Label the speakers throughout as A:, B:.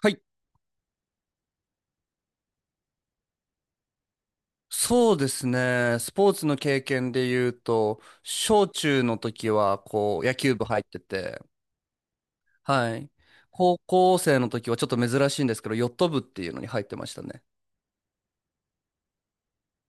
A: はい、そうですね。スポーツの経験で言うと、小中の時はこう野球部入ってて、はい。高校生の時はちょっと珍しいんですけど、ヨット部っていうのに入ってましたね。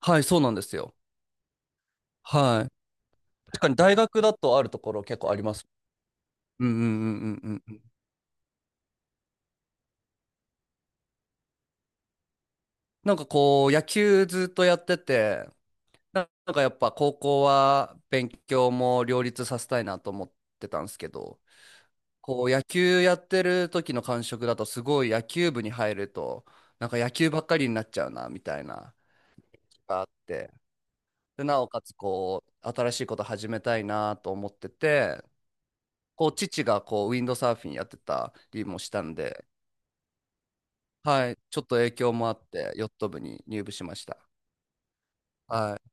A: はい、そうなんですよ。はい。確かに大学だとあるところ結構あります。うんうんううんうん。なんかこう野球ずっとやってて、なんかやっぱ高校は勉強も両立させたいなと思ってたんですけど、こう野球やってる時の感触だとすごい野球部に入るとなんか野球ばっかりになっちゃうなみたいながあって、で、なおかつこう新しいこと始めたいなと思ってて、こう父がこうウィンドサーフィンやってたりもしたんで、はい、ちょっと影響もあってヨット部に入部しました。はい、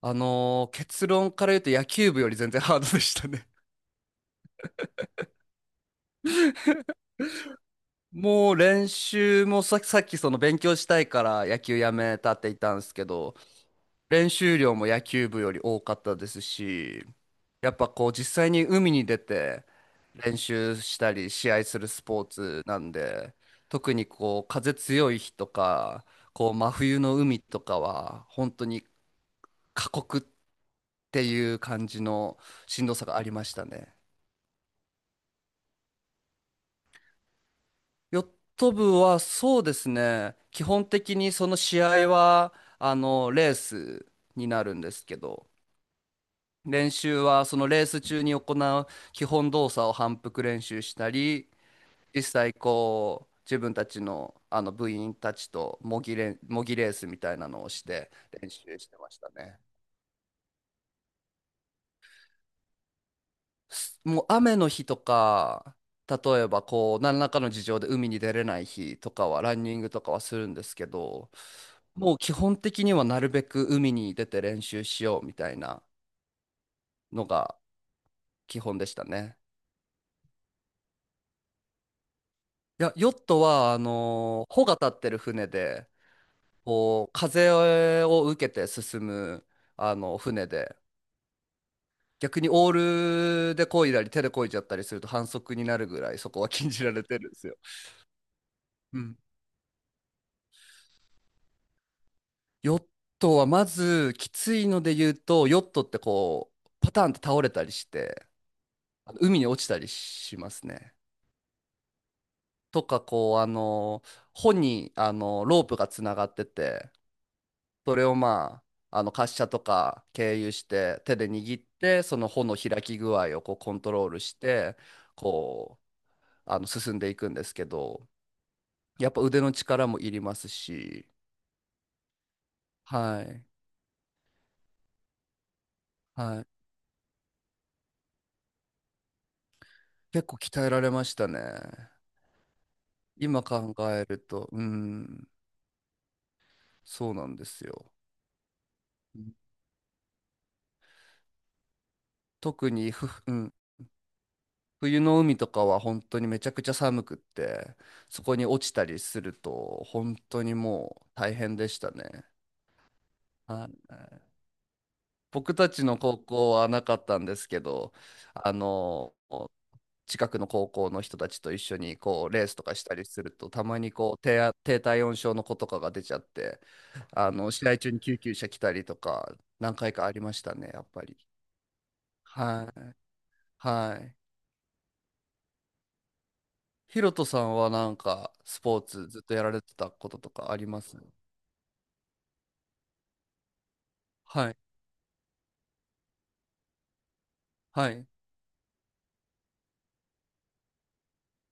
A: 結論から言うと野球部より全然ハードでしたね。もう練習も、さっきその勉強したいから野球やめたって言ったんですけど、練習量も野球部より多かったですし、やっぱこう実際に海に出て練習したり試合するスポーツなんで、特にこう風強い日とか、こう真冬の海とかは本当に過酷っていう感じのしんどさがありましたね。ヨット部はそうですね、基本的にその試合はあのレースになるんですけど、練習はそのレース中に行う基本動作を反復練習したり、実際こう自分たちの、あの部員たちと模擬レースみたいなのをして練習してましたね。もう雨の日とか、例えばこう何らかの事情で海に出れない日とかはランニングとかはするんですけど、もう基本的にはなるべく海に出て練習しようみたいなのが基本でしたね。いや、ヨットは、帆が立ってる船で、こう、風を受けて進む、あの、船で、逆にオールで漕いだり、手で漕いじゃったりすると反則になるぐらい、そこは禁じられてるんですよ。うん。ヨットは、まず、きついので言うと、ヨットってこう、パターンって倒れたりして、あの海に落ちたりしますね。とか、こう、帆に、ロープがつながってて、それをあの滑車とか経由して手で握ってその穂の開き具合をこうコントロールしてこうあの進んでいくんですけど、やっぱ腕の力もいりますし、はいはい、結構鍛えられましたね。今考えるとうん、そうなんですよ。うん、特にうん、冬の海とかは本当にめちゃくちゃ寒くって、そこに落ちたりすると本当にもう大変でしたね。はい。僕たちの高校はなかったんですけど、あの、近くの高校の人たちと一緒にこうレースとかしたりすると、たまにこう低体温症の子とかが出ちゃって、あの、試合中に救急車来たりとか、何回かありましたね、やっぱり。はい。はい。ヒロトさんはなんか、スポーツずっとやられてたこととかあります？はい。はい。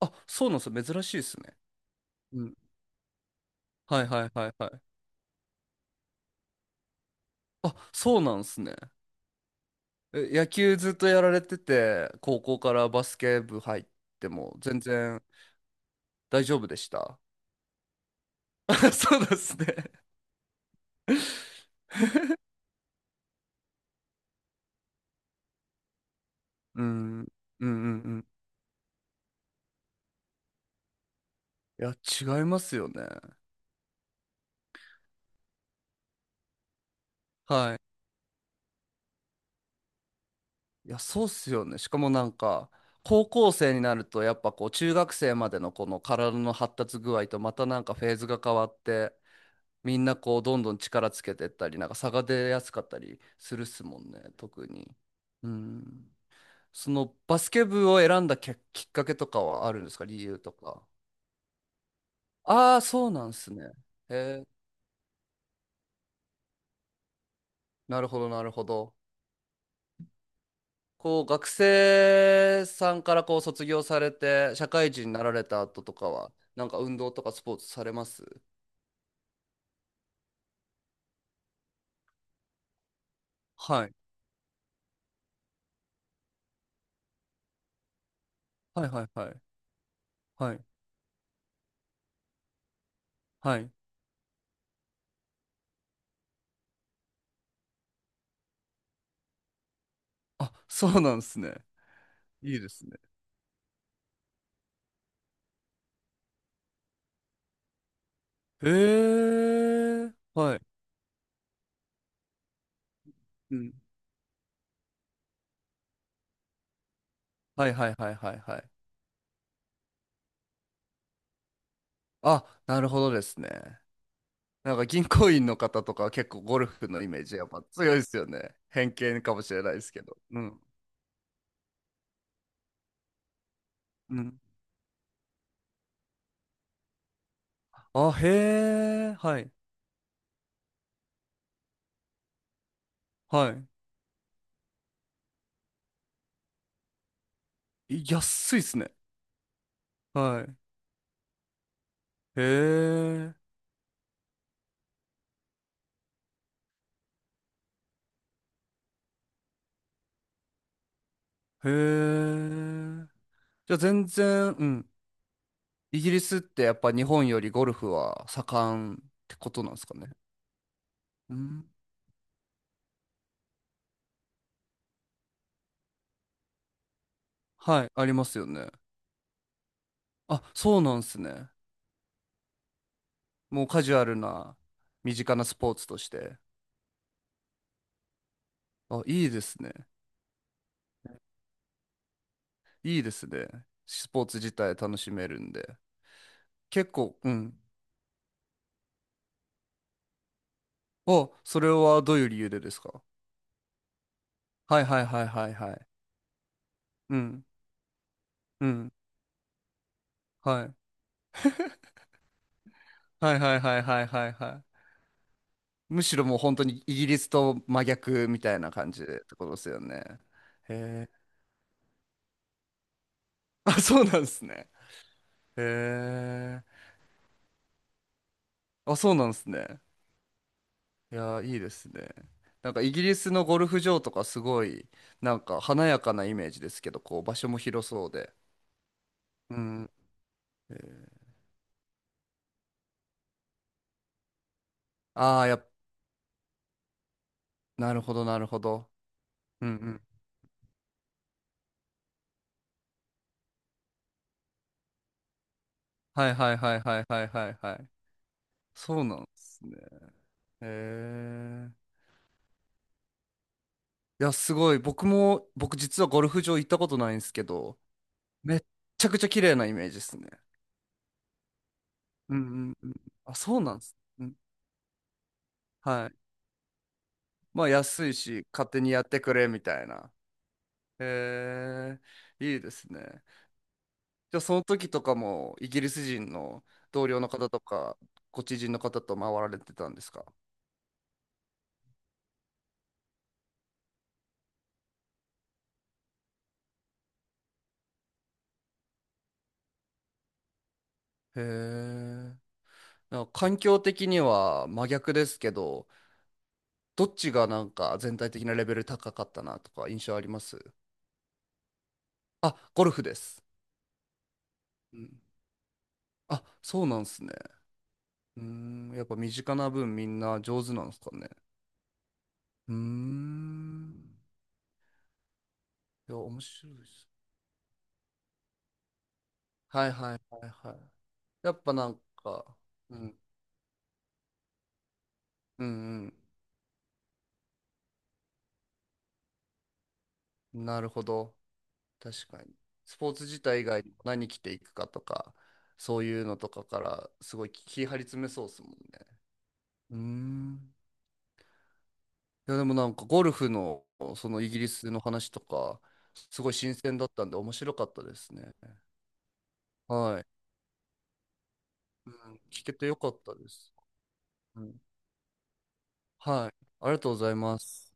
A: あ、そうなんですよ。珍しいですね。うん。はいはいはいはい。あ、そうなんですね。え、野球ずっとやられてて、高校からバスケ部入っても全然大丈夫でした？そうですね。うん、うんうんうん。いや、違いますよね。はい。いや、そうっすよね。しかもなんか、高校生になると、やっぱこう、中学生までのこの体の発達具合と、またなんかフェーズが変わって、みんなこう、どんどん力つけてったり、なんか差が出やすかったりするっすもんね、特に。うん。そのバスケ部を選んだきっかけとかはあるんですか？理由とか。ああ、そうなんですね。えー、なるほど、なるほど。こう、学生さんからこう卒業されて、社会人になられた後とかは、なんか運動とかスポーツされます？はい。はいはいはい。はい。はい。あ、そうなんですね。いいですね。へえ、はい。うん。はいはいはいはいはい。あ、なるほどですね。なんか銀行員の方とかは結構ゴルフのイメージやっぱ強いですよね。偏見かもしれないですけど。うん。うん。あ、へえ、はい。はい。安いっすね。はい。へえ、へえ。じゃあ全然、うん。イギリスってやっぱ日本よりゴルフは盛んってことなんですかね。うん。はい。ありますよね。あ、そうなんですね。もうカジュアルな身近なスポーツとして。あ、いいですね。いいですね。スポーツ自体楽しめるんで。結構、うん。お、それはどういう理由でですか？はいはいはいはいはい。うん、うん。はい。はいはいはいはいはいはい。むしろもう本当にイギリスと真逆みたいな感じでってことですよね。へえ。あ、そうなんですね。へえ。あ、そうなんですね。いやー、いいですね。なんかイギリスのゴルフ場とかすごい、なんか華やかなイメージですけど、こう場所も広そうで。うん。ああ、なるほど、なるほど。うんうん。はいはいはいはいはいはいはい。そうなんですね。へえ。いや、すごい。僕実はゴルフ場行ったことないんですけど、めっちゃくちゃ綺麗なイメージですね。うんうんうん。あ、そうなんです。うん。はい。まあ、安いし、勝手にやってくれ、みたいな。へえ。いいですね。じゃあ、その時とかも、イギリス人の同僚の方とか、ご知人の方と回られてたんですか？へえ。なんか環境的には真逆ですけど、どっちがなんか全体的なレベル高かったなとか印象あります？あ、ゴルフです。うん。あ、そうなんですね。うーん、やっぱ身近な分みんな上手なんですかね。うーん。いや、面白いです。はいはいはいはい。やっぱなんか、うん、うんうん。なるほど。確かに。スポーツ自体以外にも何着ていくかとか、そういうのとかからすごい気張り詰めそうですもんね。うーん。いや、でもなんかゴルフのそのイギリスの話とか、すごい新鮮だったんで面白かったですね。はい。うん、聞けてよかったです。うん、はい。ありがとうございます。